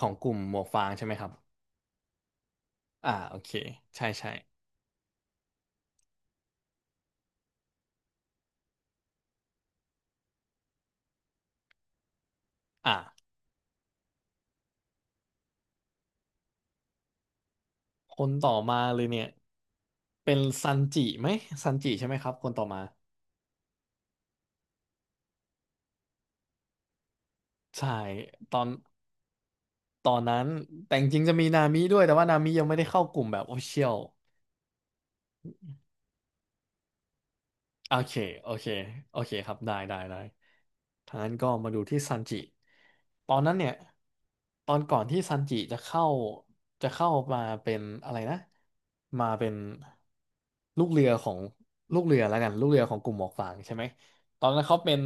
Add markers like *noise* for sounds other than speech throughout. ของกลุ่มหมวกฟางใช่ไหมครับ อ่าโอเคใช่ใช่อ่าคนต่อมาเลยเนี่ยเป็นซันจิไหมซันจิใช่ไหมครับคนต่อมาใช่ตอนตอนนั้นแต่จริงๆจะมีนามิด้วยแต่ว่านามิยังไม่ได้เข้ากลุ่มแบบ o อเชียว โอเคโอเคโอเคครับ ได้ได้ได้ทางนั้นก็มาดูที่ซันจิตอนนั้นเนี่ยตอนก่อนที่ซันจิจะเข้าจะเข้ามาเป็นอะไรนะมาเป็นลูกเรือของลูกเรือแล้วกันลูกเรือของกลุ่มหมวกฟางใช่ไหม ตอนนั้นเขาเป็น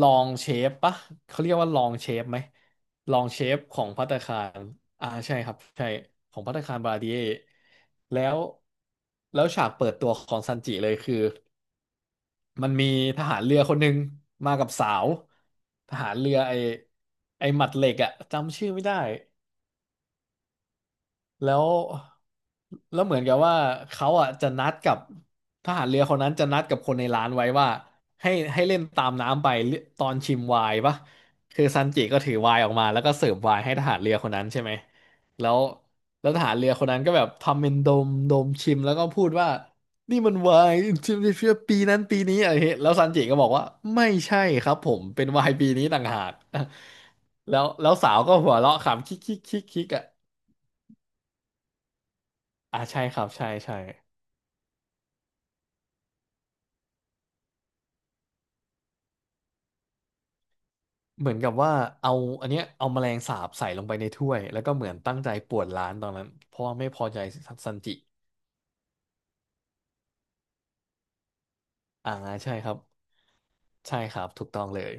รองเชฟปะเขาเรียกว่ารองเชฟไหมรองเชฟของภัตตาคารอ่าใช่ครับใช่ของภัตตาคารบาราดิเอแล้วฉากเปิดตัวของซันจิเลยคือ มันมีทหารเรือคนหนึ่งมากับสาวทหารเรือไอหมัดเหล็กอะจำชื่อไม่ได้ แล้วเหมือนกับว่าเขาอ่ะจะนัดกับทหารเรือคนนั้นจะนัดกับคนในร้านไว้ว่าให้เล่นตามน้ำไปตอนชิมไวน์ปะคือซันจิก็ถือไวน์ออกมาแล้วก็เสิร์ฟไวน์ให้ทหารเรือคนนั้นใช่ไหมแล้วทหารเรือคนนั้นก็แบบทำเป็นดมดมชิมแล้วก็พูดว่านี่มันไวน์ชิมได้เพื่อปีนั้นปีนี้อะไรเงี้ยแล้วซันจิก็บอกว่าไม่ใช่ครับผมเป็นไวน์ปีนี้ต่างหาก *laughs* แล้วสาวก็หัวเราะขำคิกคิกคิกคิกอ่ะ อ่าใช่ครับใช่ใช่เหมือนกับว่าเอาอันเนี้ยเอาแมลงสาบใส่ลงไปในถ้วยแล้วก็เหมือนตั้งใจป่วนร้านตอนนั้นเพราะว่าไม่พอใจซันจิอ่าใช่ครับใช่ครับถูกต้องเลย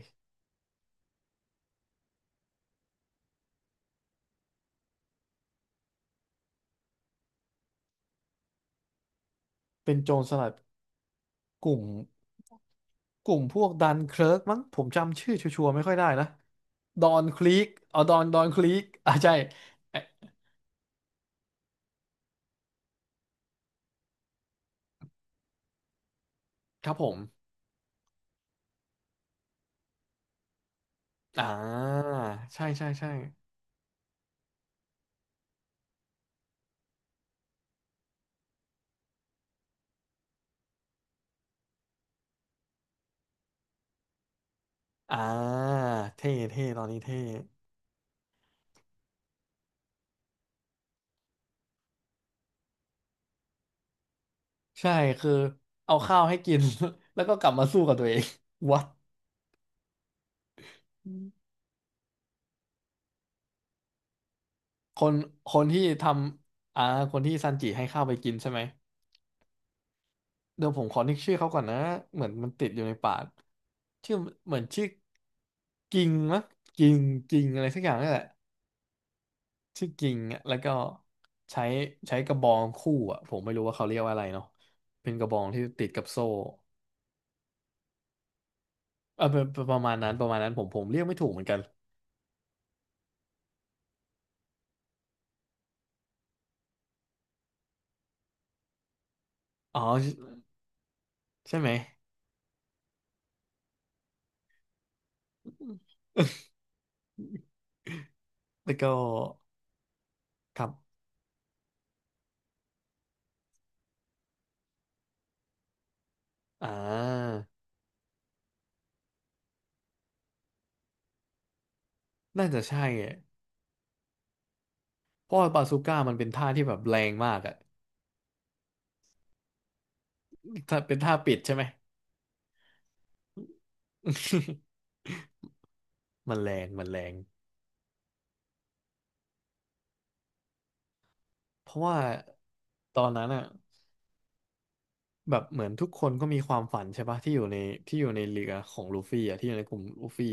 เป็นโจรสลัดกลุ่มกลุ่มพวกดันเคิร์กมั้งผมจำชื่อชัวร์ๆไม่ค่อยได้นะดอนคลีกเอาดอนคลีกอ่าใช่เอ๊ะครับผมอ่าใช่ใช่ใช่อ่าเท่ตอนนี้เท่ ใช่คือเอาข้าวให้กิน *laughs* แล้วก็กลับมาสู้กับตัวเอง *laughs* วัดคนคนที่ทำอ่าคนที่ซันจิให้ข้าวไปกินใช่ไหมเดี๋ยวผมขอนึกชื่อเขาก่อนนะเหมือนมันติดอยู่ในปากชื่อเหมือนชื่อกิงมั้งกิงกิงอะไรสักอย่างนี่แหละชื่อกิงอะแล้วก็ใช้ใช้กระบองคู่อ่ะผมไม่รู้ว่าเขาเรียกว่าอะไรเนาะเป็นกระบองที่ติดกับโซ่เออเป็นเปนประมาณนั้นประมาณนั้นผมเรียกไม่ถูกเหมือนกันอ๋อใช่ไหม แล้วก็ครับอ่าน่าจะใช่อะเพราะว่าบาซูก้ามันเป็นท่าที่แบบแรงมากอะถ้าเป็นท่าปิดใช่ไหม *laughs* มันแรงเพราะว่าตอนนั้นอะแบบเหมือนทุกคนก็มีความฝันใช่ปะที่อยู่ในที่อยู่ในเรือของลูฟี่อะที่อยู่ในกลุ่มลูฟี่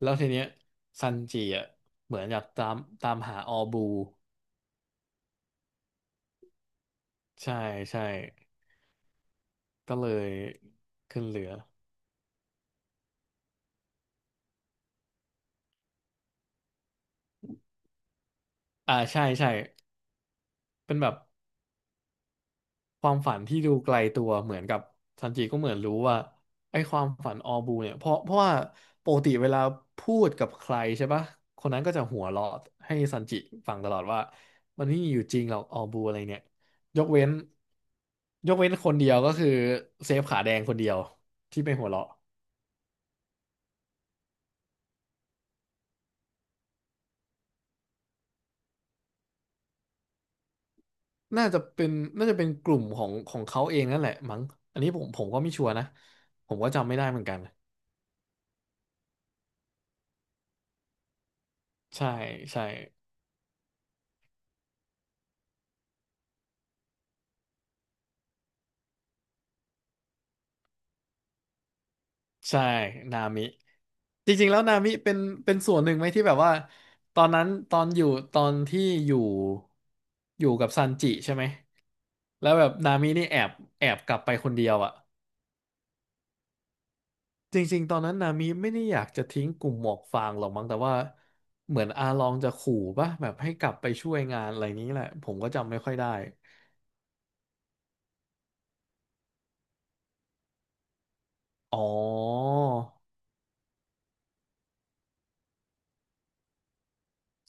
แล้วทีเนี้ยซันจิอะเหมือนอยากตามตามหาออบูใช่ใช่ก็เลยขึ้นเรืออ่าใช่ใช่เป็นแบบ ความฝันที่ดูไกลตัวเหมือนกับซันจิก็เหมือนรู้ว่าไอ้ความฝันออบูเนี่ยเพราะว่าปกติเวลาพูดกับใครใช่ปะคนนั้นก็จะหัวเราะให้ซันจิฟังตลอดว่ามันไม่มีอยู่จริงหรอกออบูอะไรเนี่ยยกเว้นยกเว้นคนเดียวก็คือเซฟขาแดงคนเดียวที่ไปหัวเราะน่าจะเป็นน่าจะเป็นกลุ่มของของเขาเองนั่นแหละมั้งอันนี้ผมก็ไม่ชัวร์นะผมก็จำไม่ได้เหมือนกันใช่ใช่ ใช่นามิจริงๆแล้วนามิเป็นเป็นส่วนหนึ่งไหมที่แบบว่าตอนนั้นตอนอยู่ตอนที่อยู่อยู่กับซันจิใช่ไหมแล้วแบบนามินี่แอบแอบกลับไปคนเดียวอะจริงๆตอนนั้นนามิไม่ได้อยากจะทิ้งกลุ่มหมวกฟางหรอกมั้งแต่ว่าเหมือนอาลองจะขู่ป่ะแบบให้กลับไปช่วยงานอะไรนี้แหละผมก็จำไม่ค่อยได้อ๋อ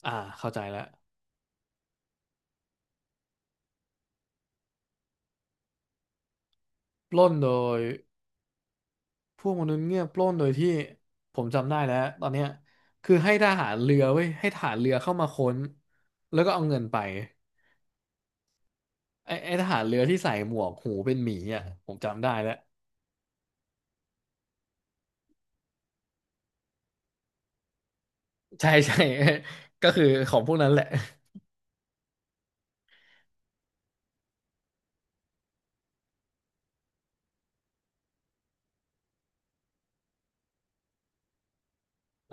อ่าเข้าใจแล้วปล้นโดย พวกมนุษย์เงือกปล้นโดยที่ผมจำได้แล้วตอนเนี้ยคือให้ทหารเรือเว้ยให้ทหารเรือเข้ามาค้นแล้วก็เอาเงินไปไอ้ทหารเรือที่ใส่หมวกหูเป็นหมีอ่ะผมจำได้แล้วใช่ใช่ *laughs* ก็คือของพวกนั้นแหละ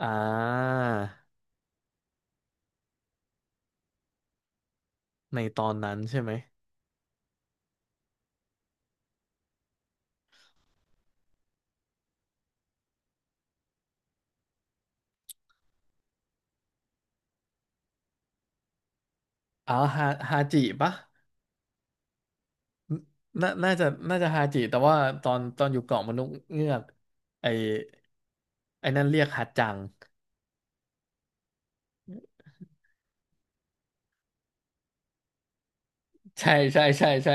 อ่าในตอนนั้นใช่ไหมอ๋อฮาฮาจิปะน่าจะฮาจิแต่ว่าตอนอยู่เกาะมนุษย์เงือกไอ้ไอ้นั่นเรียกฮัดจังใช่ใช่ใช่ใช่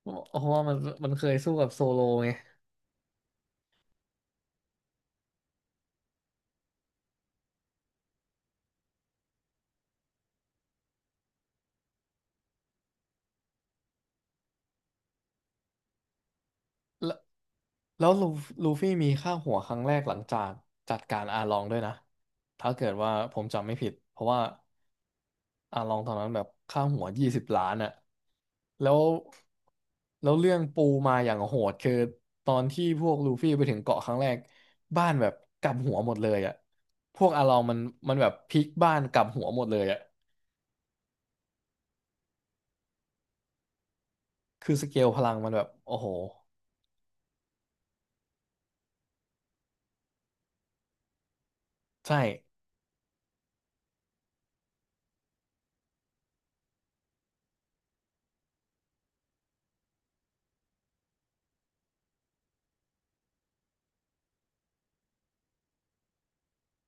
เพราะว่ามันเคยสู้กับโซโลไงแล้วแล้วลูฟี่มีค่าหัวครั้งแรกหลังจากจัดการอาลองด้วยนะถ้าเกิดว่าผมจำไม่ผิดเพราะว่าอาลองตอนนั้นแบบค่าหัว20 ล้านอะแล้วแล้วเรื่องปูมาอย่างโหดคือตอนที่พวกลูฟี่ไปถึงเกาะครั้งแรกบ้านแบบกลับหัวหมดเลยอะพวกอาลองมันแบบพลิกบ้านกลับหัวหมดเลยอะคือสเกลพลังมันแบบโอ้โหใช่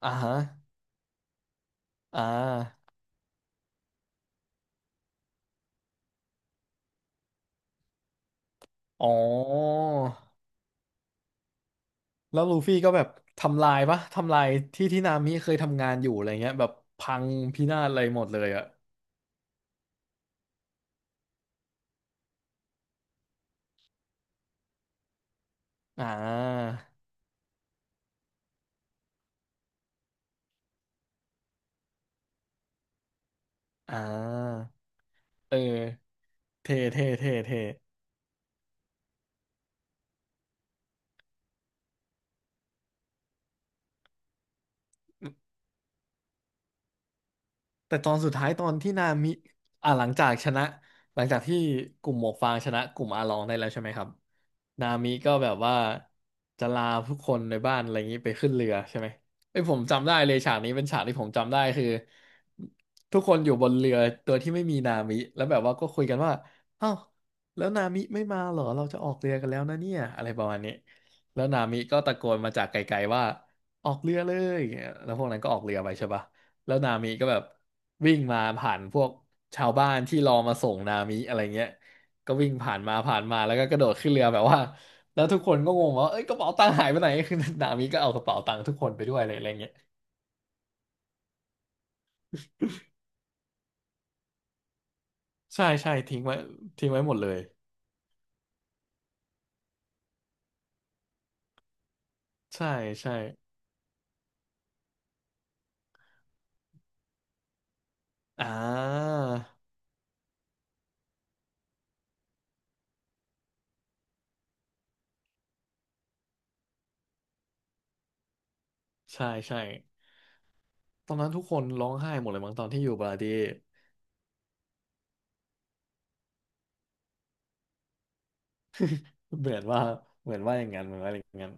อ่าฮะอ่า อ๋อแล้วลูฟี่ก็แบบทำลายปะทำลายที่นามิเคยทำงานอยู่อะไรเงี้ยแบบพังพินาศอะไรหมดเลยอะอ่าอ่าเออเท่เท่เท่เท่ แต่ตอนสุดท้ายตอนที่นามิหลังจากชนะหลังจากที่กลุ่มหมวกฟางชนะกลุ่มอาลองได้แล้วใช่ไหมครับนามิก็แบบว่าจะลาทุกคนในบ้านอะไรอย่างนี้ไปขึ้นเรือใช่ไหมไอ้ยผมจำได้เลยฉากนี้เป็นฉากที่ผมจำได้คือทุกคนอยู่บนเรือตัวที่ไม่มีนามิแล้วแบบว่าก็คุยกันว่าอ้าวแล้วนามิไม่มาเหรอเราจะออกเรือกันแล้วนะเนี่ยอะไรประมาณนี้แล้วนามิก็ตะโกนมาจากไกลๆว่าออกเรือเลยแล้วพวกนั้นก็ออกเรือไปใช่ปะ แล้วนามิก็แบบวิ่งมาผ่านพวกชาวบ้านที่รอมาส่งนามิอะไรเงี้ยก็วิ่งผ่านมาผ่านมาแล้วก็กระโดดขึ้นเรือแบบว่าแล้วทุกคนก็งงว่าเอ้ยกระเป๋าตังค์หายไปไหน *laughs* คือ *laughs* นามิก็เอากระเป๋าตังค์ทุกคนไปด้วยอะไรอะไรเงี้ยใช่ใช่ทิ้งไว้ทิ้งไว้หมดเลยใช่ใช่อ่าใช่ใช่ตอนนั้นทุกคนร้องไห้หมดเลยมั้งตอนที่อยู่บาร์ดี้เหมือนว่าเหมือนว่าอย่างนั้นเหมือนว่าอย่างนั้น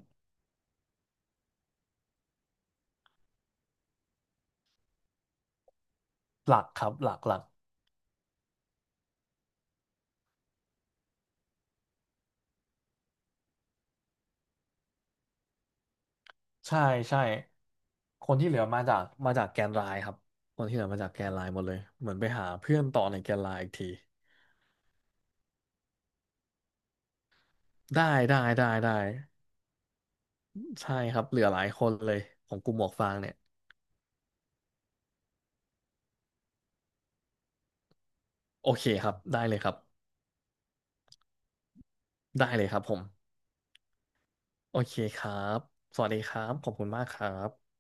หลักครับหลักหลัก ใช่ใช่คนที่เหลือมาจากแกนไลน์ครับคนที่เหลือมาจากแกนไลน์หมดเลยเหมือนไปหาเพื่อนต่อในแกนไลน์อีกทีได้ได้ได้ได้ใช่ครับเหลือหลายคนเลยของกลุ่มหมวกฟางเนี่ยโอเคครับได้เลยครับได้เลยครับผมโอเคครับสวัสดีครับขอบคุณมากครับ